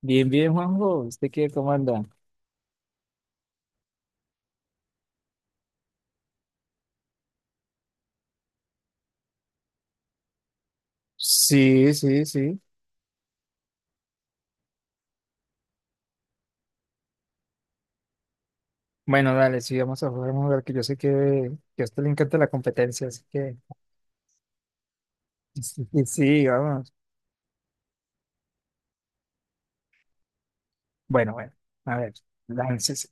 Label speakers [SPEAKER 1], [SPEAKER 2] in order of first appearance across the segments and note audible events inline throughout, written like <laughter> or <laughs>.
[SPEAKER 1] Bien, bien, Juanjo. ¿Usted qué, cómo anda? Sí, sí, sí. Bueno, dale, sí, vamos a jugar vamos a lugar que yo sé que a usted le encanta la competencia, así que <laughs> sí, sí, vamos. Bueno, bueno, a ver, láncese.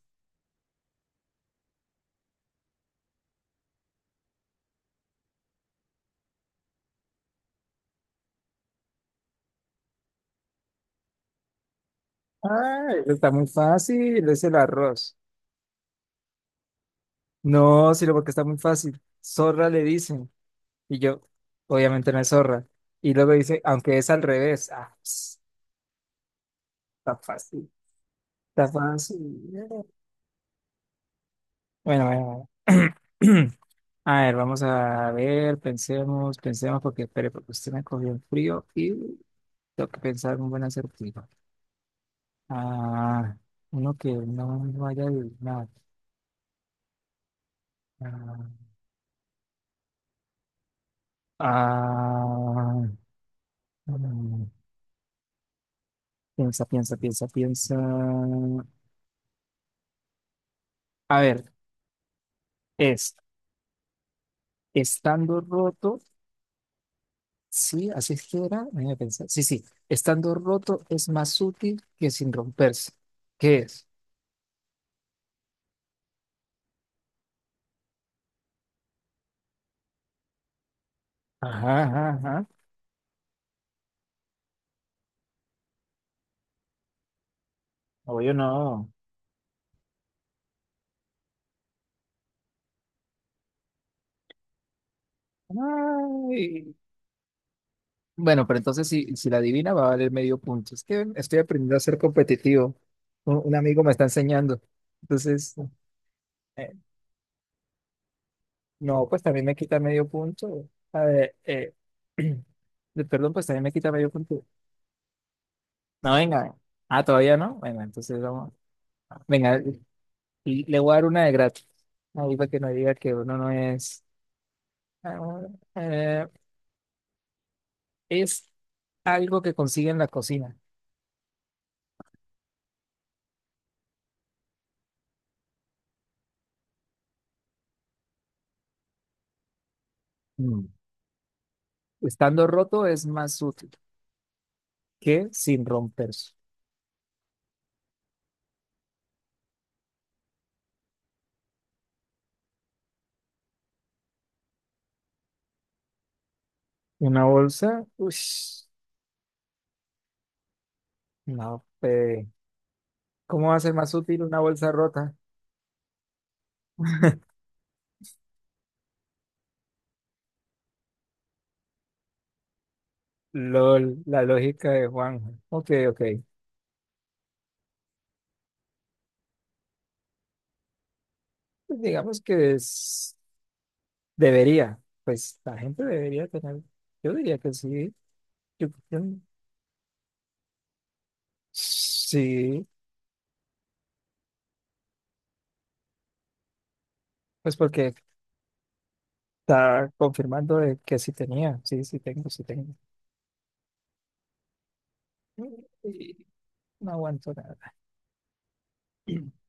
[SPEAKER 1] Ah, eso está muy fácil, es el arroz. No, sino porque está muy fácil. Zorra le dicen, y yo, obviamente no es zorra. Y luego dice, aunque es al revés. Ah, ps, está fácil, está fácil. Bueno, bueno, bueno. <clears throat> A ver, vamos a ver, pensemos, pensemos, porque espere, porque usted me cogió el frío y tengo que pensar un buen acertijo. Ah, uno que no vaya a adivinar. Ah, ah, mm, piensa, piensa, piensa, piensa. A ver, es estando roto, sí, así es que era, déjame pensar. Sí, sí, estando roto es más útil que sin romperse. ¿Qué es? Ajá, ajá, ajá. Obvio no. Ay. Bueno, pero entonces si la adivina va a valer medio punto. Es que estoy aprendiendo a ser competitivo. Un amigo me está enseñando. Entonces, eh, no, pues también me quita medio punto. A ver, <clears throat> perdón, pues también me quita medio punto. No, venga. Ah, todavía no. Bueno, entonces vamos. Venga, y le voy a dar una de gratis. Ahí para que no diga que uno no es. Ah, eh, es algo que consigue en la cocina. Mm. Estando roto es más útil que sin romperse. Una bolsa, uy, no, ¿cómo va a ser más útil una bolsa rota? LOL, la lógica de Juan. Ok, ok. Pues digamos que es, debería, pues la gente debería tener, yo diría que sí, yo, yo- sí, pues porque está confirmando de que sí tenía, sí, sí tengo, sí tengo. Y no aguanto nada. <clears throat>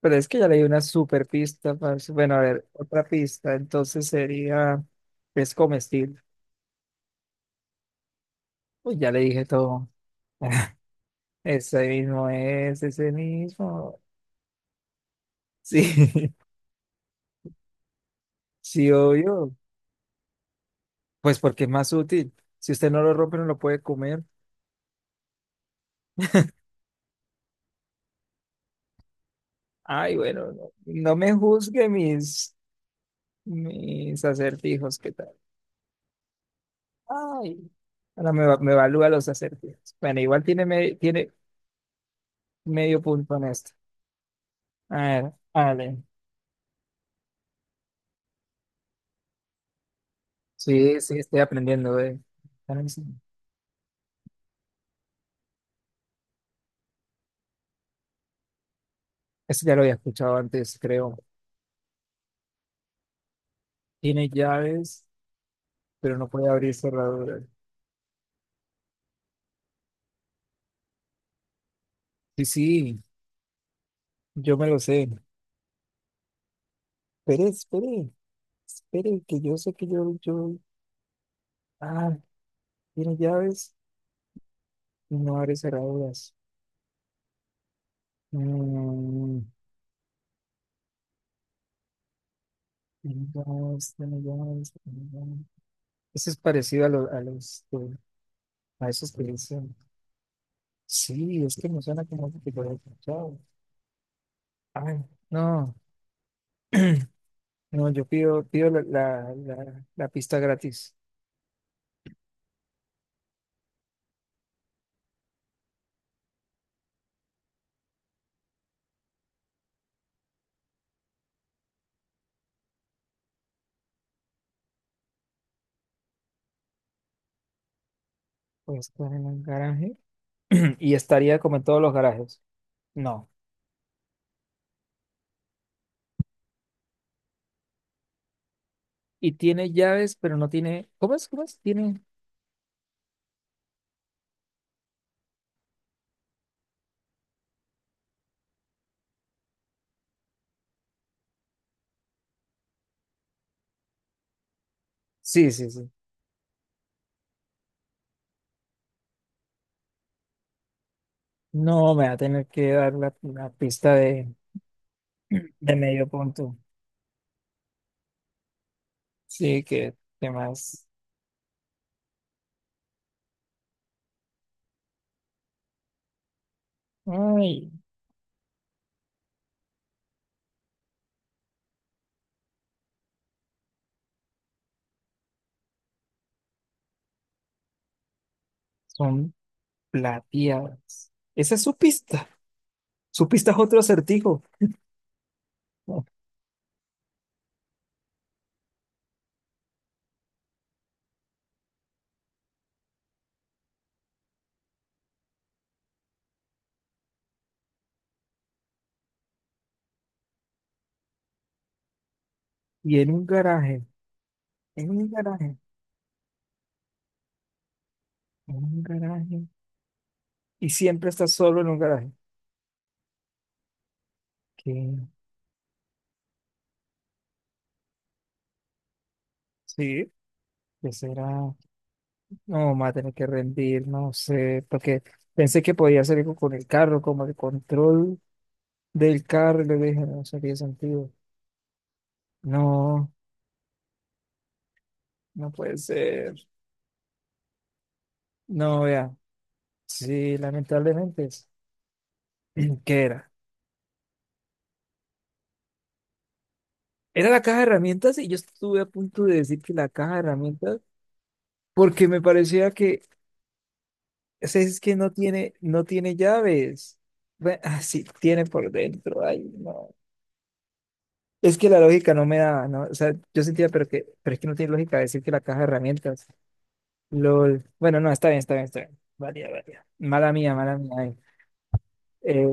[SPEAKER 1] Pero es que ya leí una super pista, parce. Bueno, a ver, otra pista, entonces sería, es comestible. Uy, ya le dije todo. <laughs> Ese mismo es, ese mismo. Sí, <laughs> sí, obvio. Pues porque es más útil. Si usted no lo rompe, no lo puede comer. Ay, bueno, no, no me juzgue mis acertijos, ¿qué tal? Ay, ahora me, me evalúa los acertijos. Bueno, igual tiene, tiene medio punto en esto. A ver, vale. Sí, sí, estoy aprendiendo, eh. Esto ya lo había escuchado antes, creo. Tiene llaves pero no puede abrir cerraduras. Sí, sí, yo me lo sé. Espere, espere, espere, que yo sé que ah, tiene llaves y no abre cerraduras. Mm, tiene llaves, tiene llaves, tiene llaves. Eso es parecido a a esos que dicen. Sí, es que me suena como que lo he escuchado. Ay, no, no, yo pido, pido la pista gratis. Pues, ¿estar en el garaje? <clears throat> Y estaría como en todos los garajes. No. Y tiene llaves, pero no tiene. ¿Cómo es? ¿Cómo es? Tiene. Sí, sí, sí. No, me va a tener que dar la pista de medio punto. Sí, que demás. Ay, son plateadas. Esa es su pista. Su pista es otro acertijo. Oh, y en un garaje, en un garaje, en un garaje. Y siempre está solo en un garaje. ¿Qué? Sí, ¿qué será? No, me va a tener que rendir, no sé, porque pensé que podía hacer algo con el carro, como el control del carro y le dije, no sé qué sentido. No, no puede ser. No, vea. Sí, lamentablemente es. <clears throat> ¿Qué era? Era la caja de herramientas y yo estuve a punto de decir que la caja de herramientas, porque me parecía que, o sea, es que no tiene, no tiene llaves. Bueno, ah, sí, tiene por dentro. Ay, no. Es que la lógica no me daba, ¿no? O sea, yo sentía, pero que, pero es que no tiene lógica decir que la caja de herramientas. LOL. Bueno, no, está bien, está bien, está bien. Vale, vale. Mala mía, mala mía. Ay. Eh,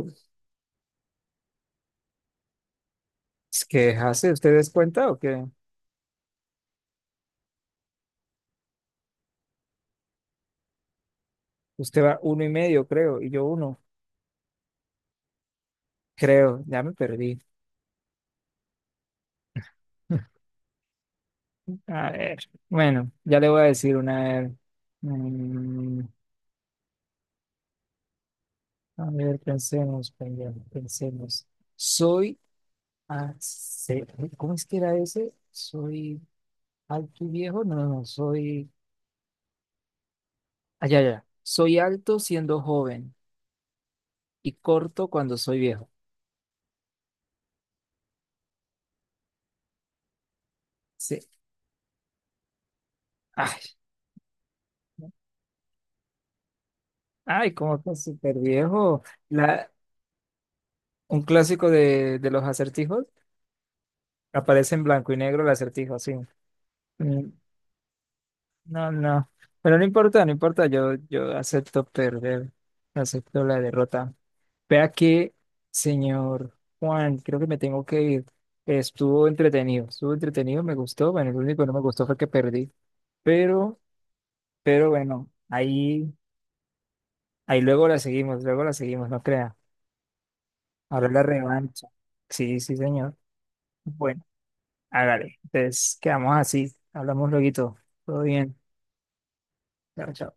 [SPEAKER 1] Es que hace, ¿ustedes cuenta o qué? Usted va uno y medio, creo, y yo uno, creo, ya me perdí. <laughs> A ver, bueno, ya le voy a decir una vez. Mm, a ver, pensemos, pensemos, pensemos. Soy, ace- ¿Cómo es que era ese? Soy alto y viejo, no, no, soy, allá, ya, ya. Soy alto siendo joven y corto cuando soy viejo. Sí. Ay, ay, cómo que súper viejo. La, Un clásico de los acertijos. Aparece en blanco y negro el acertijo, sí. Mm, no, no. Pero no importa, no importa. Yo acepto perder. Acepto la derrota. Vea que, señor Juan, creo que me tengo que ir. Estuvo entretenido, me gustó. Bueno, lo único que no me gustó fue que perdí. Pero, pero bueno, ahí, ahí luego la seguimos, no crea. Ahora la revancha. Sí, sí, señor. Bueno. Hágale. Entonces, quedamos así. Hablamos luego. Todo bien. Chao, chao.